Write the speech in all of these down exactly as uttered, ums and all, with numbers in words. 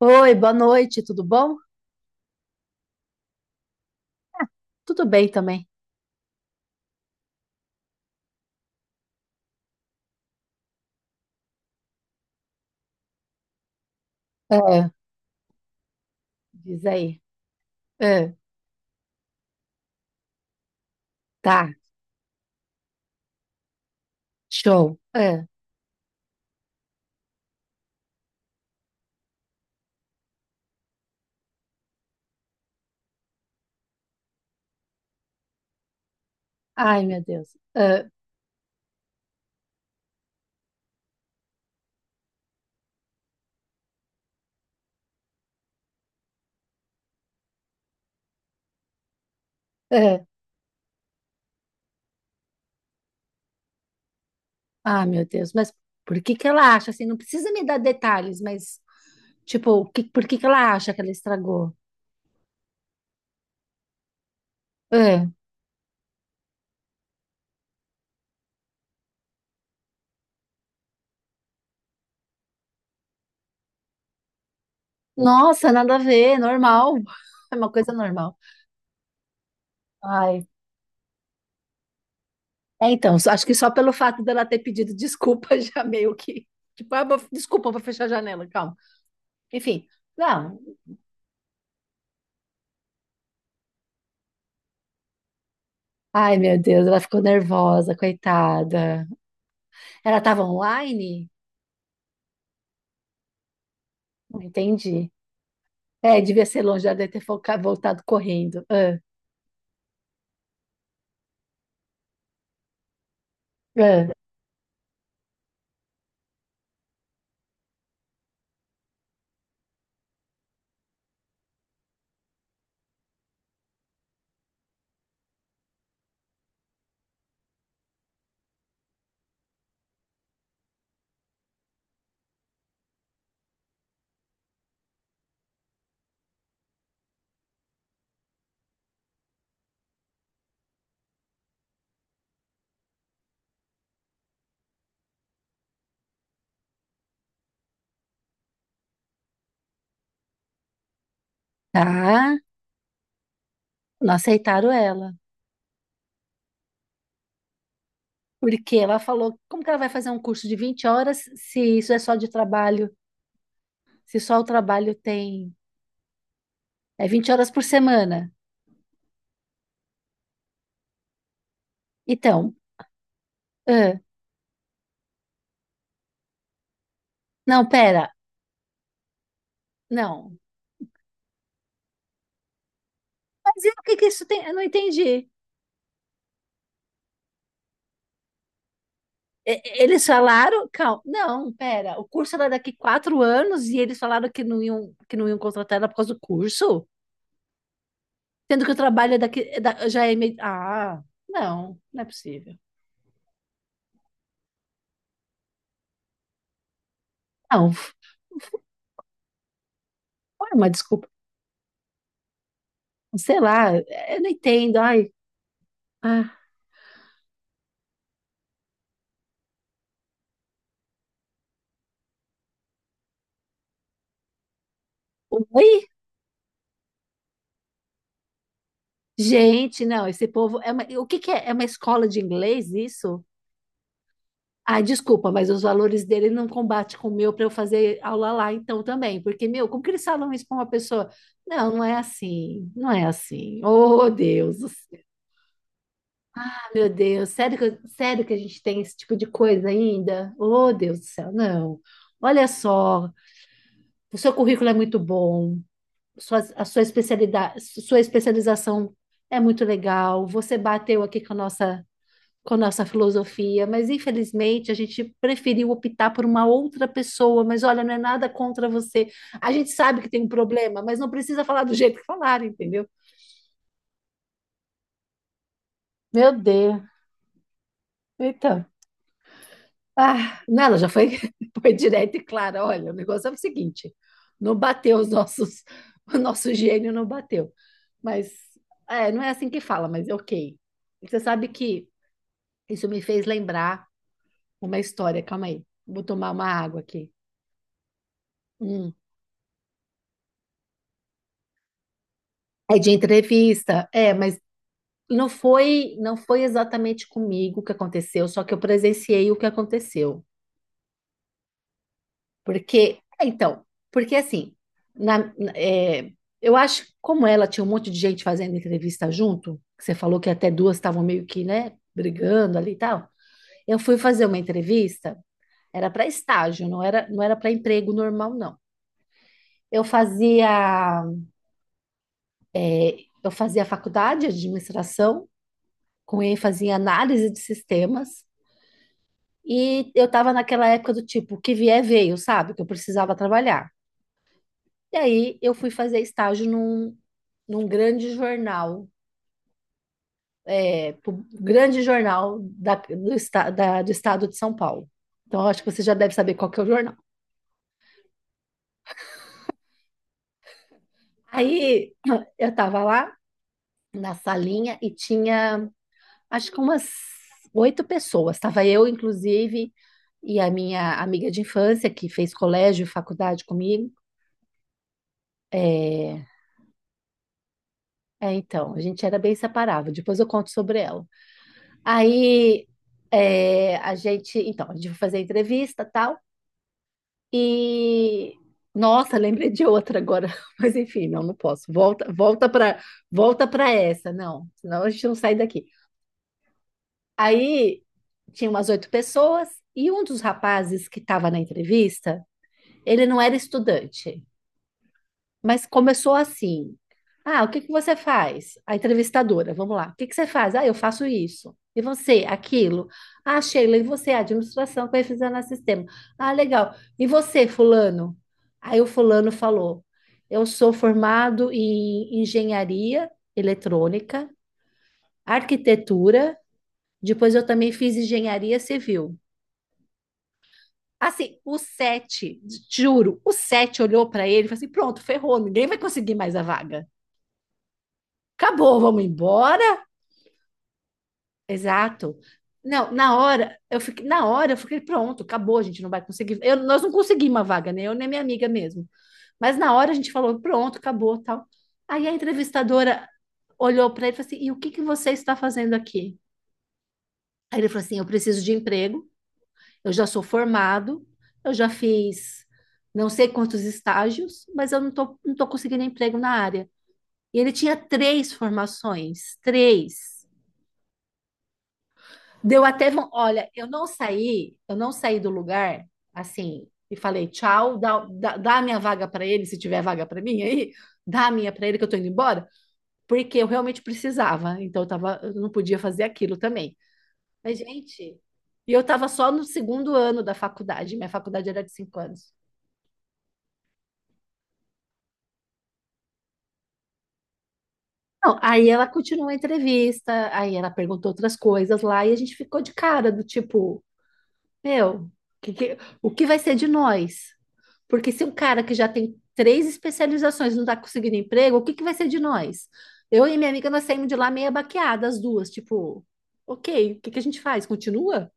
Oi, boa noite, tudo bom? Tudo bem também. Ah, diz aí. Ah, tá, show. Ah, ai, meu Deus. Ah, ah, ah, meu Deus. Mas por que que ela acha assim? Não precisa me dar detalhes, mas tipo, o que- por que que ela acha que ela estragou? Ah, nossa, nada a ver, normal. É uma coisa normal. Ai, é, então, só- acho que só pelo fato dela ter pedido desculpa já meio que. Tipo, ah, vou- desculpa, vou fechar a janela, calma. Enfim, não. Ai, meu Deus, ela ficou nervosa, coitada. Ela estava online? Não entendi. É, devia ser longe, ela deve ter foca- voltado correndo. Ah, ah. Tá, não aceitaram ela. Porque ela falou, como que ela vai fazer um curso de vinte horas se isso é só de trabalho? Se só o trabalho tem... É vinte horas por semana. Então, ah, não, pera, não. Mas e o que que isso tem? Eu não entendi. E- Eles falaram, calma, não, pera, o curso era daqui quatro anos e eles falaram que não iam, que não iam contratar ela por causa do curso, sendo que o trabalho é daqui é da- já é meio. Ah, não, não é possível. Não, foi uma desculpa. Sei lá, eu não entendo. Ai, ah, oi? Gente, não, esse povo é uma, o que que é? É uma escola de inglês isso? Ai, desculpa, mas os valores dele não combatem com o meu para eu fazer aula lá então também. Porque, meu, como que eles falam isso para uma pessoa? Não, não é assim, não é assim. Oh, Deus do céu. Ah, meu Deus, sério que, eu- sério que a gente tem esse tipo de coisa ainda? Oh, Deus do céu, não. Olha só, o seu currículo é muito bom, sua, a sua especialidade, sua especialização é muito legal. Você bateu aqui com a nossa com nossa filosofia, mas infelizmente a gente preferiu optar por uma outra pessoa. Mas olha, não é nada contra você. A gente sabe que tem um problema, mas não precisa falar do jeito que falaram, entendeu? Meu Deus. Então, ah, não, ela já foi, foi direta e clara. Olha, o negócio é o seguinte: não bateu os nossos, o nosso gênio não bateu. Mas é, não é assim que fala, mas é ok. Você sabe que isso me fez lembrar uma história. Calma aí, vou tomar uma água aqui. Hum. É de entrevista, é, mas não foi, não foi exatamente comigo que aconteceu, só que eu presenciei o que aconteceu. Porque, então, porque assim, na- na- é, eu acho que como ela tinha um monte de gente fazendo entrevista junto, que você falou que até duas estavam meio que, né, brigando ali e tal. Eu fui fazer uma entrevista, era para estágio, não era, não era para emprego normal, não. Eu fazia, eu fazia faculdade de administração com ênfase em análise de sistemas. E eu tava naquela época do tipo, que vier veio, sabe? Que eu precisava trabalhar. E aí eu fui fazer estágio num, num grande jornal, é, pu- grande jornal da, do, esta- da- do estado de São Paulo. Então eu acho que você já deve saber qual que é o jornal. Aí eu tava lá na salinha e tinha, acho que umas oito pessoas. Tava eu, inclusive, e a minha amiga de infância, que fez colégio, e faculdade comigo. É, é, então, a gente era bem separável. Depois eu conto sobre ela. Aí é, a gente, então, a gente foi fazer a entrevista, tal, e nossa, lembrei de outra agora, mas enfim, não, não posso. Volta, volta para, volta para essa, não, senão a gente não sai daqui. Aí tinha umas oito pessoas e um dos rapazes que estava na entrevista, ele não era estudante. Mas começou assim. Ah, o que que você faz? A entrevistadora, vamos lá. O que que você faz? Ah, eu faço isso. E você, aquilo. Ah, Sheila, e você, administração, na sistema. Ah, legal. E você, fulano? Aí o fulano falou: eu sou formado em engenharia eletrônica, arquitetura, depois eu também fiz engenharia civil. Assim, o sete, juro, o sete olhou para ele e falou assim: pronto, ferrou, ninguém vai conseguir mais a vaga. Acabou, vamos embora? Exato. Não, na hora, eu fiquei, na hora eu fiquei pronto, acabou, a gente não vai conseguir. Eu- nós não conseguimos uma vaga, nem eu nem minha amiga mesmo. Mas na hora a gente falou, pronto, acabou, tal. Aí a entrevistadora olhou para ele e falou assim: "E o que que você está fazendo aqui?" Aí ele falou assim: "Eu preciso de emprego, eu já sou formado, eu já fiz não sei quantos estágios, mas eu não tô, não tô conseguindo emprego na área." E ele tinha três formações, três. Deu até, von- olha, eu não saí, eu não saí do lugar assim e falei tchau, dá, dá, dá a minha vaga para ele, se tiver vaga para mim aí, dá a minha para ele que eu tô indo embora, porque eu realmente precisava, então eu tava, eu não podia fazer aquilo também. Mas, gente, e eu tava só no segundo ano da faculdade, minha faculdade era de cinco anos. Não, aí ela continuou a entrevista, aí ela perguntou outras coisas lá e a gente ficou de cara do tipo, meu, que, que, o que vai ser de nós? Porque se um cara que já tem três especializações não está conseguindo emprego, o que que vai ser de nós? Eu e minha amiga, nós saímos de lá meia baqueada, as duas, tipo, ok, o que que a gente faz? Continua?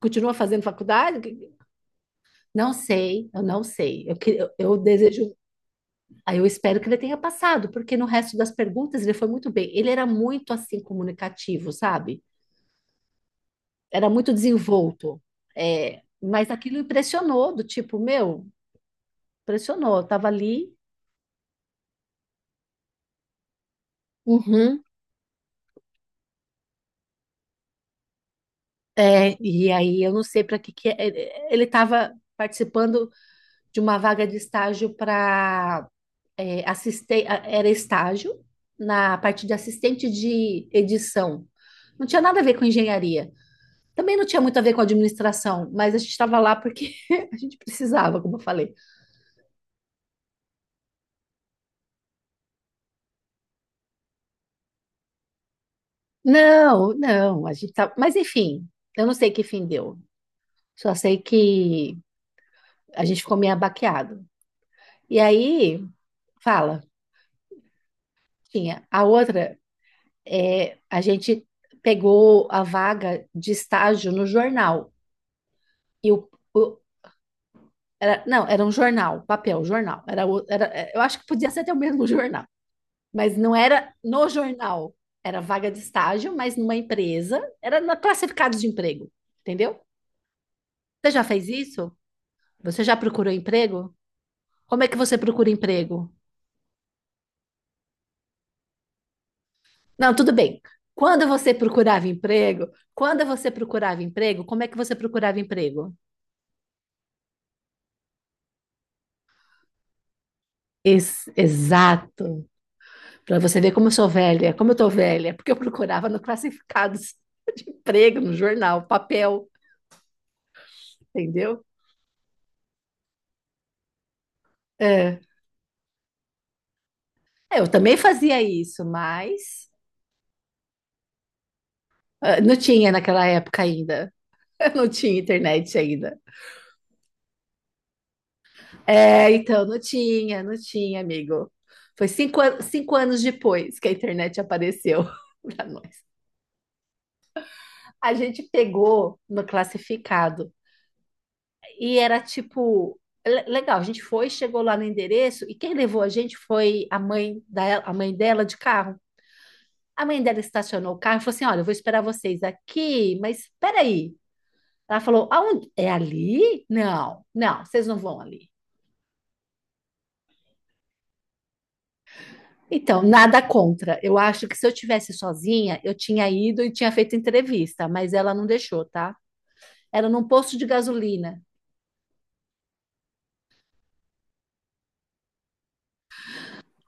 Continua fazendo faculdade? O que- Não sei, eu não sei. Eu, que- eu, eu desejo, aí eu espero que ele tenha passado, porque no resto das perguntas ele foi muito bem. Ele era muito assim comunicativo, sabe? Era muito desenvolto. É, mas aquilo impressionou, do tipo, meu, impressionou. Eu tava ali, uhum. É, e aí eu não sei para que que é. É, ele estava participando de uma vaga de estágio para assistir, era estágio na parte de assistente de edição. Não tinha nada a ver com engenharia. Também não tinha muito a ver com administração, mas a gente estava lá porque a gente precisava, como eu falei. Não, não, a gente tá, mas enfim, eu não sei que fim deu. Só sei que a gente ficou meio abaqueado. E aí, fala, tinha a outra é, a gente pegou a vaga de estágio no jornal. E o, o- era- não, era um jornal, papel, jornal. Era, o- era, é, eu acho que podia ser até o mesmo jornal, mas não era no jornal. Era vaga de estágio, mas numa empresa. Era na classificados de emprego, entendeu? Você já fez isso? Você já procurou emprego? Como é que você procura emprego? Não, tudo bem. Quando você procurava emprego, quando você procurava emprego, como é que você procurava emprego? Ex- exato. Para você ver como eu sou velha, como eu tô velha, porque eu procurava no classificados, emprego, no jornal, papel, entendeu? É. É, eu também fazia isso, mas ah, não tinha naquela época ainda. Não tinha internet ainda. É, então, não tinha, não tinha, amigo. Foi cinco, an- cinco anos depois que a internet apareceu para nós. A gente pegou no classificado. E era tipo, le- legal, a gente foi, chegou lá no endereço, e quem levou a gente foi a mãe da, a mãe dela de carro. A mãe dela estacionou o carro e falou assim: olha, eu vou esperar vocês aqui, mas peraí. Ela falou: aonde? É ali? Não, não, vocês não vão ali. Então, nada contra. Eu acho que se eu tivesse sozinha, eu tinha ido e tinha feito entrevista, mas ela não deixou, tá? Era num posto de gasolina.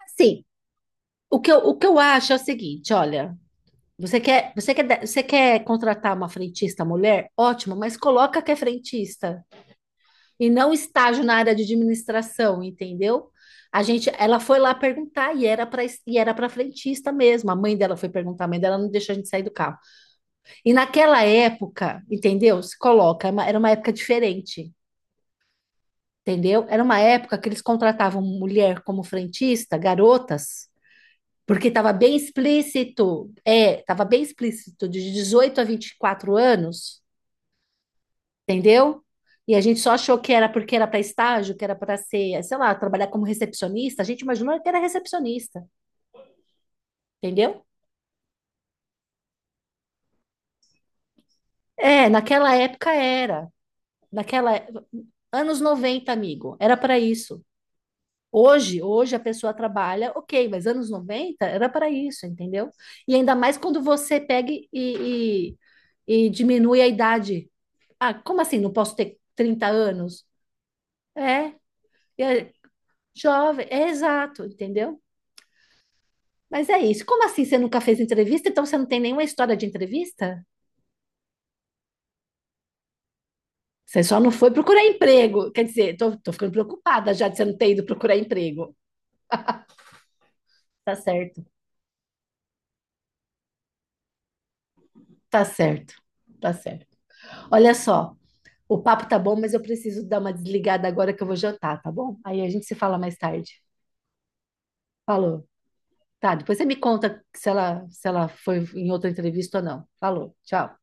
Assim, o que eu, o que eu acho é o seguinte: olha, você quer, você quer, você quer contratar uma frentista mulher? Ótimo, mas coloca que é frentista e não estágio na área de administração, entendeu? A gente, ela foi lá perguntar e era para e era para frentista mesmo. A mãe dela foi perguntar, a mãe dela não deixou a gente sair do carro. E naquela época, entendeu? Se coloca, é uma- era uma época diferente, entendeu? Era uma época que eles contratavam mulher como frentista, garotas, porque estava bem explícito, é, estava bem explícito, de dezoito a vinte e quatro anos, entendeu? E a gente só achou que era porque era para estágio, que era para ser, sei lá, trabalhar como recepcionista. A gente imaginou que era recepcionista, entendeu? É, naquela época era. Naquela é, anos noventa amigo, era para isso. Hoje, hoje a pessoa trabalha, ok, mas anos noventa era para isso, entendeu? E ainda mais quando você pega e, e, e diminui a idade. Ah, como assim? Não posso ter trinta anos? É, é jovem, é exato, entendeu? Mas é isso. Como assim você nunca fez entrevista? Então você não tem nenhuma história de entrevista? Você só não foi procurar emprego. Quer dizer, tô, tô ficando preocupada já de você não ter ido procurar emprego. Tá certo, tá certo, tá certo. Olha só, o papo tá bom, mas eu preciso dar uma desligada agora que eu vou jantar, tá bom? Aí a gente se fala mais tarde. Falou. Tá, depois você me conta se ela, se ela foi em outra entrevista ou não. Falou, tchau.